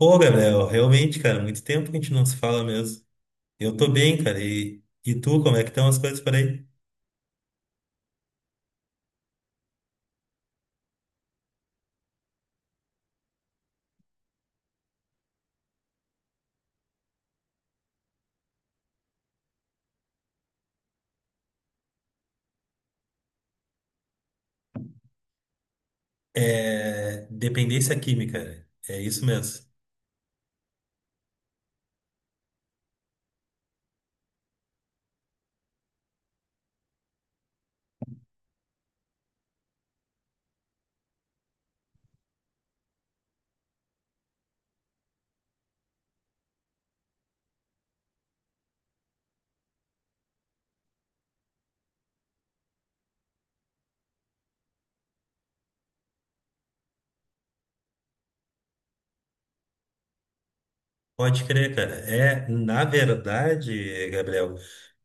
Ô Gabriel, realmente, cara, muito tempo que a gente não se fala mesmo. Eu tô bem, cara, e tu, como é que estão as coisas por aí? Dependência química, é isso mesmo. Pode crer, cara. Na verdade, Gabriel,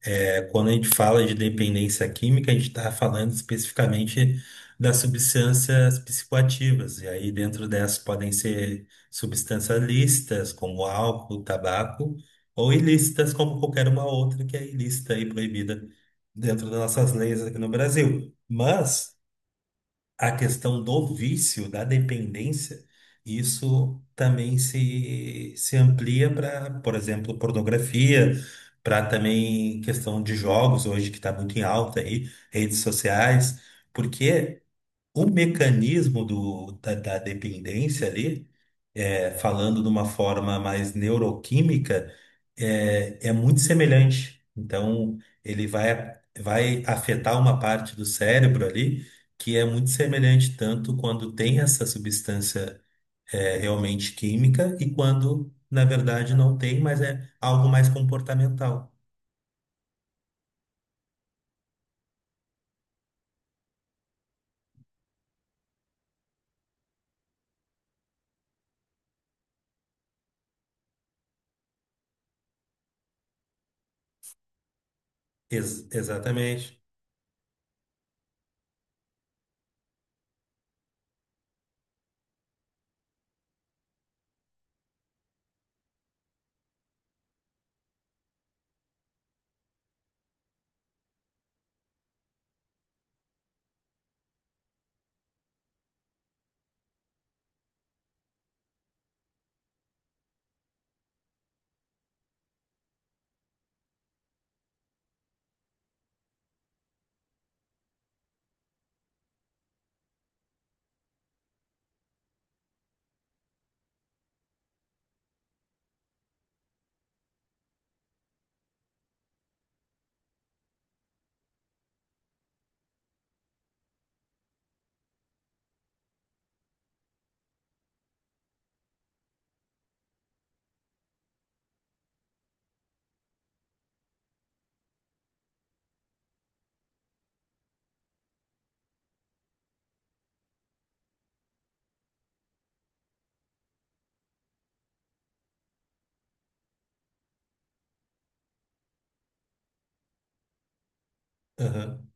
quando a gente fala de dependência química, a gente está falando especificamente das substâncias psicoativas. E aí, dentro dessas, podem ser substâncias lícitas, como álcool, tabaco, ou ilícitas, como qualquer uma outra que é ilícita e proibida dentro das nossas leis aqui no Brasil. Mas a questão do vício, da dependência, isso também se amplia para, por exemplo, pornografia, para também questão de jogos hoje que está muito em alta aí, redes sociais, porque o mecanismo da dependência ali, falando de uma forma mais neuroquímica, é muito semelhante. Então, ele vai afetar uma parte do cérebro ali que é muito semelhante, tanto quando tem essa substância, realmente química, e quando, na verdade, não tem, mas é algo mais comportamental. Exatamente. Aham.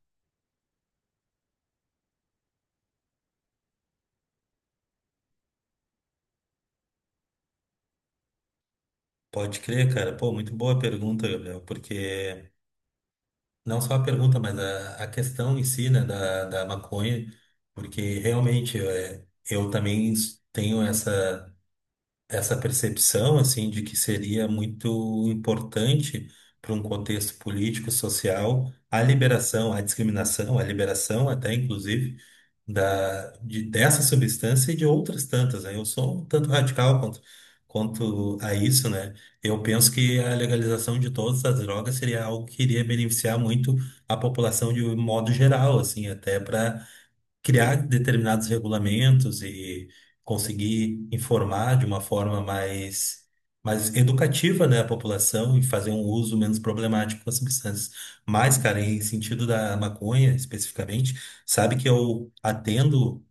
Pode crer, cara. Pô, muito boa pergunta, Gabriel, porque. Não só a pergunta, mas a questão em si, né, da maconha, porque realmente eu também tenho essa percepção, assim, de que seria muito importante para um contexto político, social, a liberação, a discriminação, a liberação até, inclusive, dessa substância e de outras tantas, né? Eu sou um tanto radical quanto a isso, né? Eu penso que a legalização de todas as drogas seria algo que iria beneficiar muito a população de um modo geral, assim, até para criar determinados regulamentos e conseguir informar de uma forma mais educativa, né, a população e fazer um uso menos problemático das substâncias. Mas, cara, em sentido da maconha especificamente, sabe que eu atendo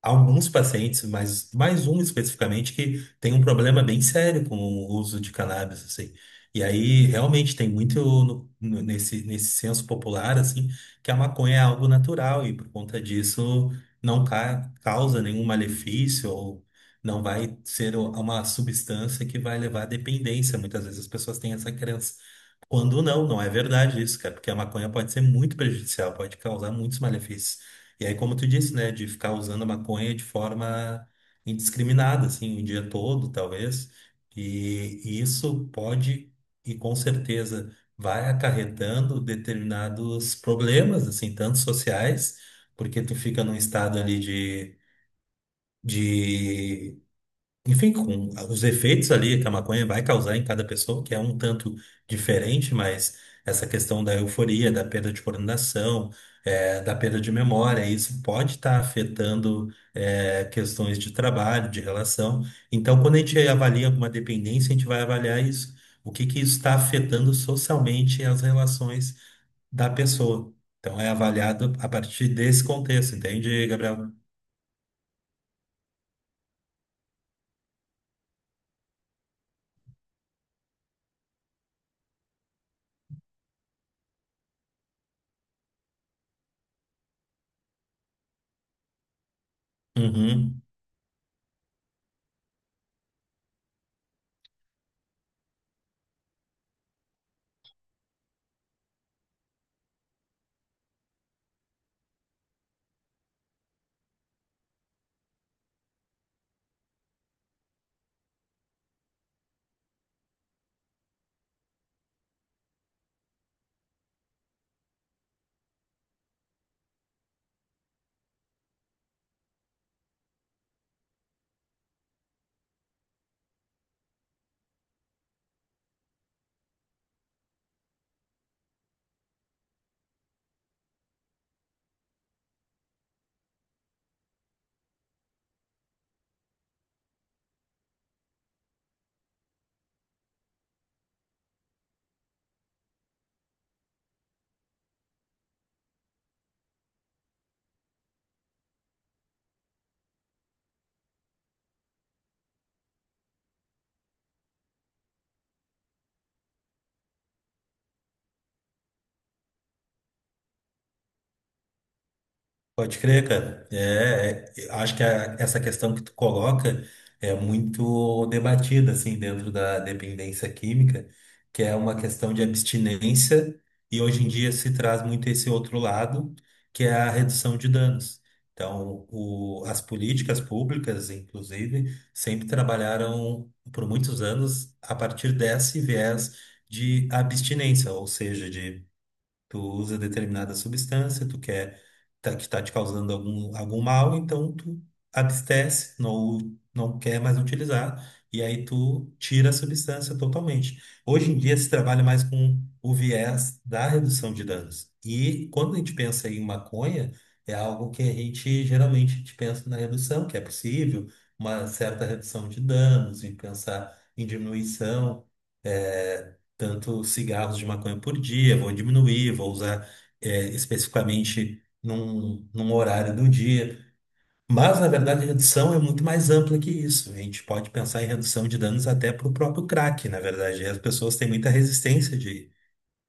alguns pacientes, mas mais um especificamente, que tem um problema bem sério com o uso de cannabis, assim. E aí, realmente, tem muito nesse senso popular, assim, que a maconha é algo natural e, por conta disso, não ca- causa nenhum malefício, ou não vai ser o- uma substância que vai levar à dependência. Muitas vezes as pessoas têm essa crença. Quando não é verdade isso, cara, porque a maconha pode ser muito prejudicial, pode causar muitos malefícios. E aí, como tu disse, né, de ficar usando a maconha de forma indiscriminada, assim, o dia todo, talvez, e isso pode e com certeza vai acarretando determinados problemas, assim, tanto sociais, porque tu fica num estado ali de enfim, com os efeitos ali que a maconha vai causar em cada pessoa, que é um tanto diferente, mas essa questão da euforia, da perda de coordenação, da perda de memória, isso pode estar afetando, questões de trabalho, de relação. Então, quando a gente avalia alguma dependência, a gente vai avaliar isso, o que que isso está afetando socialmente as relações da pessoa. Então, é avaliado a partir desse contexto, entende, Gabriel? Uhum. Pode crer, cara. Acho que essa questão que tu coloca é muito debatida, assim, dentro da dependência química, que é uma questão de abstinência, e hoje em dia se traz muito esse outro lado, que é a redução de danos. Então, as políticas públicas, inclusive, sempre trabalharam por muitos anos a partir desse viés de abstinência, ou seja, de tu usa determinada substância, tu quer que está te causando algum mal, então tu abstece, não quer mais utilizar, e aí tu tira a substância totalmente. Hoje em dia se trabalha mais com o viés da redução de danos. E quando a gente pensa em maconha, é algo que a gente geralmente a gente pensa na redução, que é possível, uma certa redução de danos, em pensar em diminuição, eh, tanto cigarros de maconha por dia, vou diminuir, vou usar, especificamente num horário do dia. Mas, na verdade, a redução é muito mais ampla que isso. A gente pode pensar em redução de danos até para o próprio crack, na verdade. E as pessoas têm muita resistência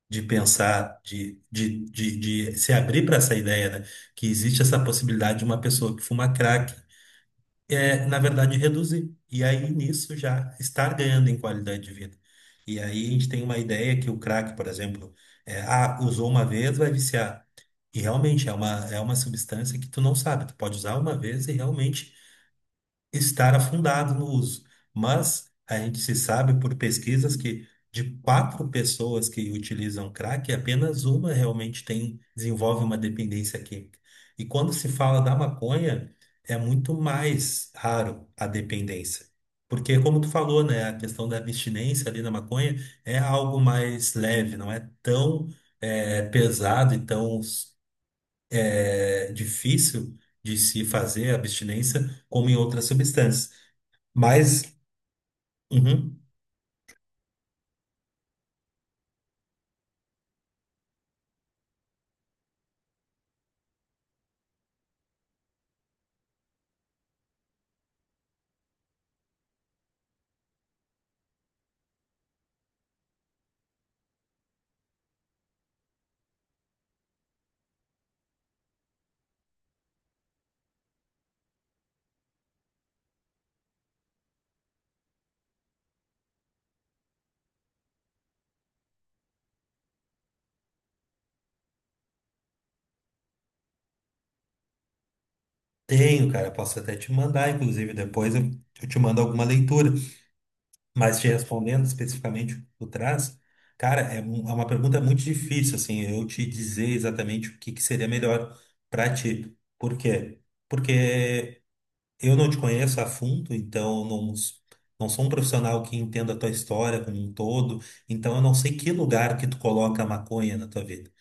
de pensar, de se abrir para essa ideia, né? Que existe essa possibilidade de uma pessoa que fuma crack na verdade, reduzir. E aí, nisso, já estar ganhando em qualidade de vida. E aí, a gente tem uma ideia que o crack, por exemplo, usou uma vez, vai viciar. E realmente é é uma substância que tu não sabe. Tu pode usar uma vez e realmente estar afundado no uso. Mas a gente se sabe por pesquisas que de quatro pessoas que utilizam crack, apenas uma realmente tem, desenvolve uma dependência química. E quando se fala da maconha, é muito mais raro a dependência. Porque, como tu falou, né, a questão da abstinência ali na maconha é algo mais leve, não é tão pesado e tão difícil de se fazer a abstinência como em outras substâncias. Mas uhum, tenho, cara. Posso até te mandar, inclusive, eu te mando alguma leitura. Mas te respondendo especificamente o que tu traz, cara, é uma pergunta muito difícil, assim, eu te dizer exatamente que seria melhor pra ti. Por quê? Porque eu não te conheço a fundo, então eu não, não sou um profissional que entenda a tua história como um todo, então eu não sei que lugar que tu coloca a maconha na tua vida.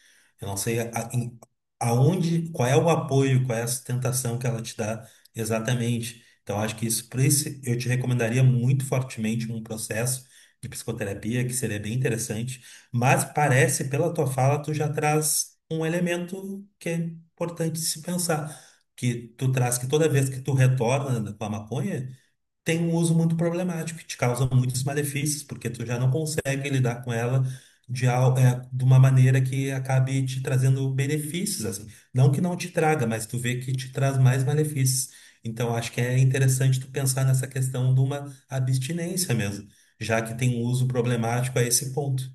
Eu não sei aonde, qual é o apoio, qual é a sustentação que ela te dá exatamente. Então acho que isso, por isso eu te recomendaria muito fortemente um processo de psicoterapia, que seria bem interessante, mas parece pela tua fala tu já traz um elemento que é importante se pensar, que tu traz que toda vez que tu retorna com a maconha, tem um uso muito problemático, que te causa muitos malefícios, porque tu já não consegue lidar com ela de uma maneira que acabe te trazendo benefícios, assim. Não que não te traga, mas tu vê que te traz mais malefícios. Então, acho que é interessante tu pensar nessa questão de uma abstinência mesmo, já que tem um uso problemático a esse ponto.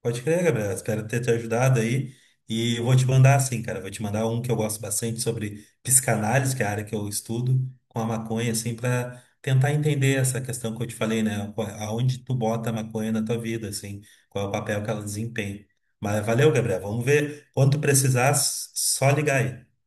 Pode crer, Gabriel. Espero ter te ajudado aí. E eu vou te mandar, assim, cara. Vou te mandar um que eu gosto bastante sobre psicanálise, que é a área que eu estudo, com a maconha, assim, para tentar entender essa questão que eu te falei, né? Aonde tu bota a maconha na tua vida, assim, qual é o papel que ela desempenha. Mas valeu, Gabriel. Vamos ver. Quando tu precisar, só ligar aí.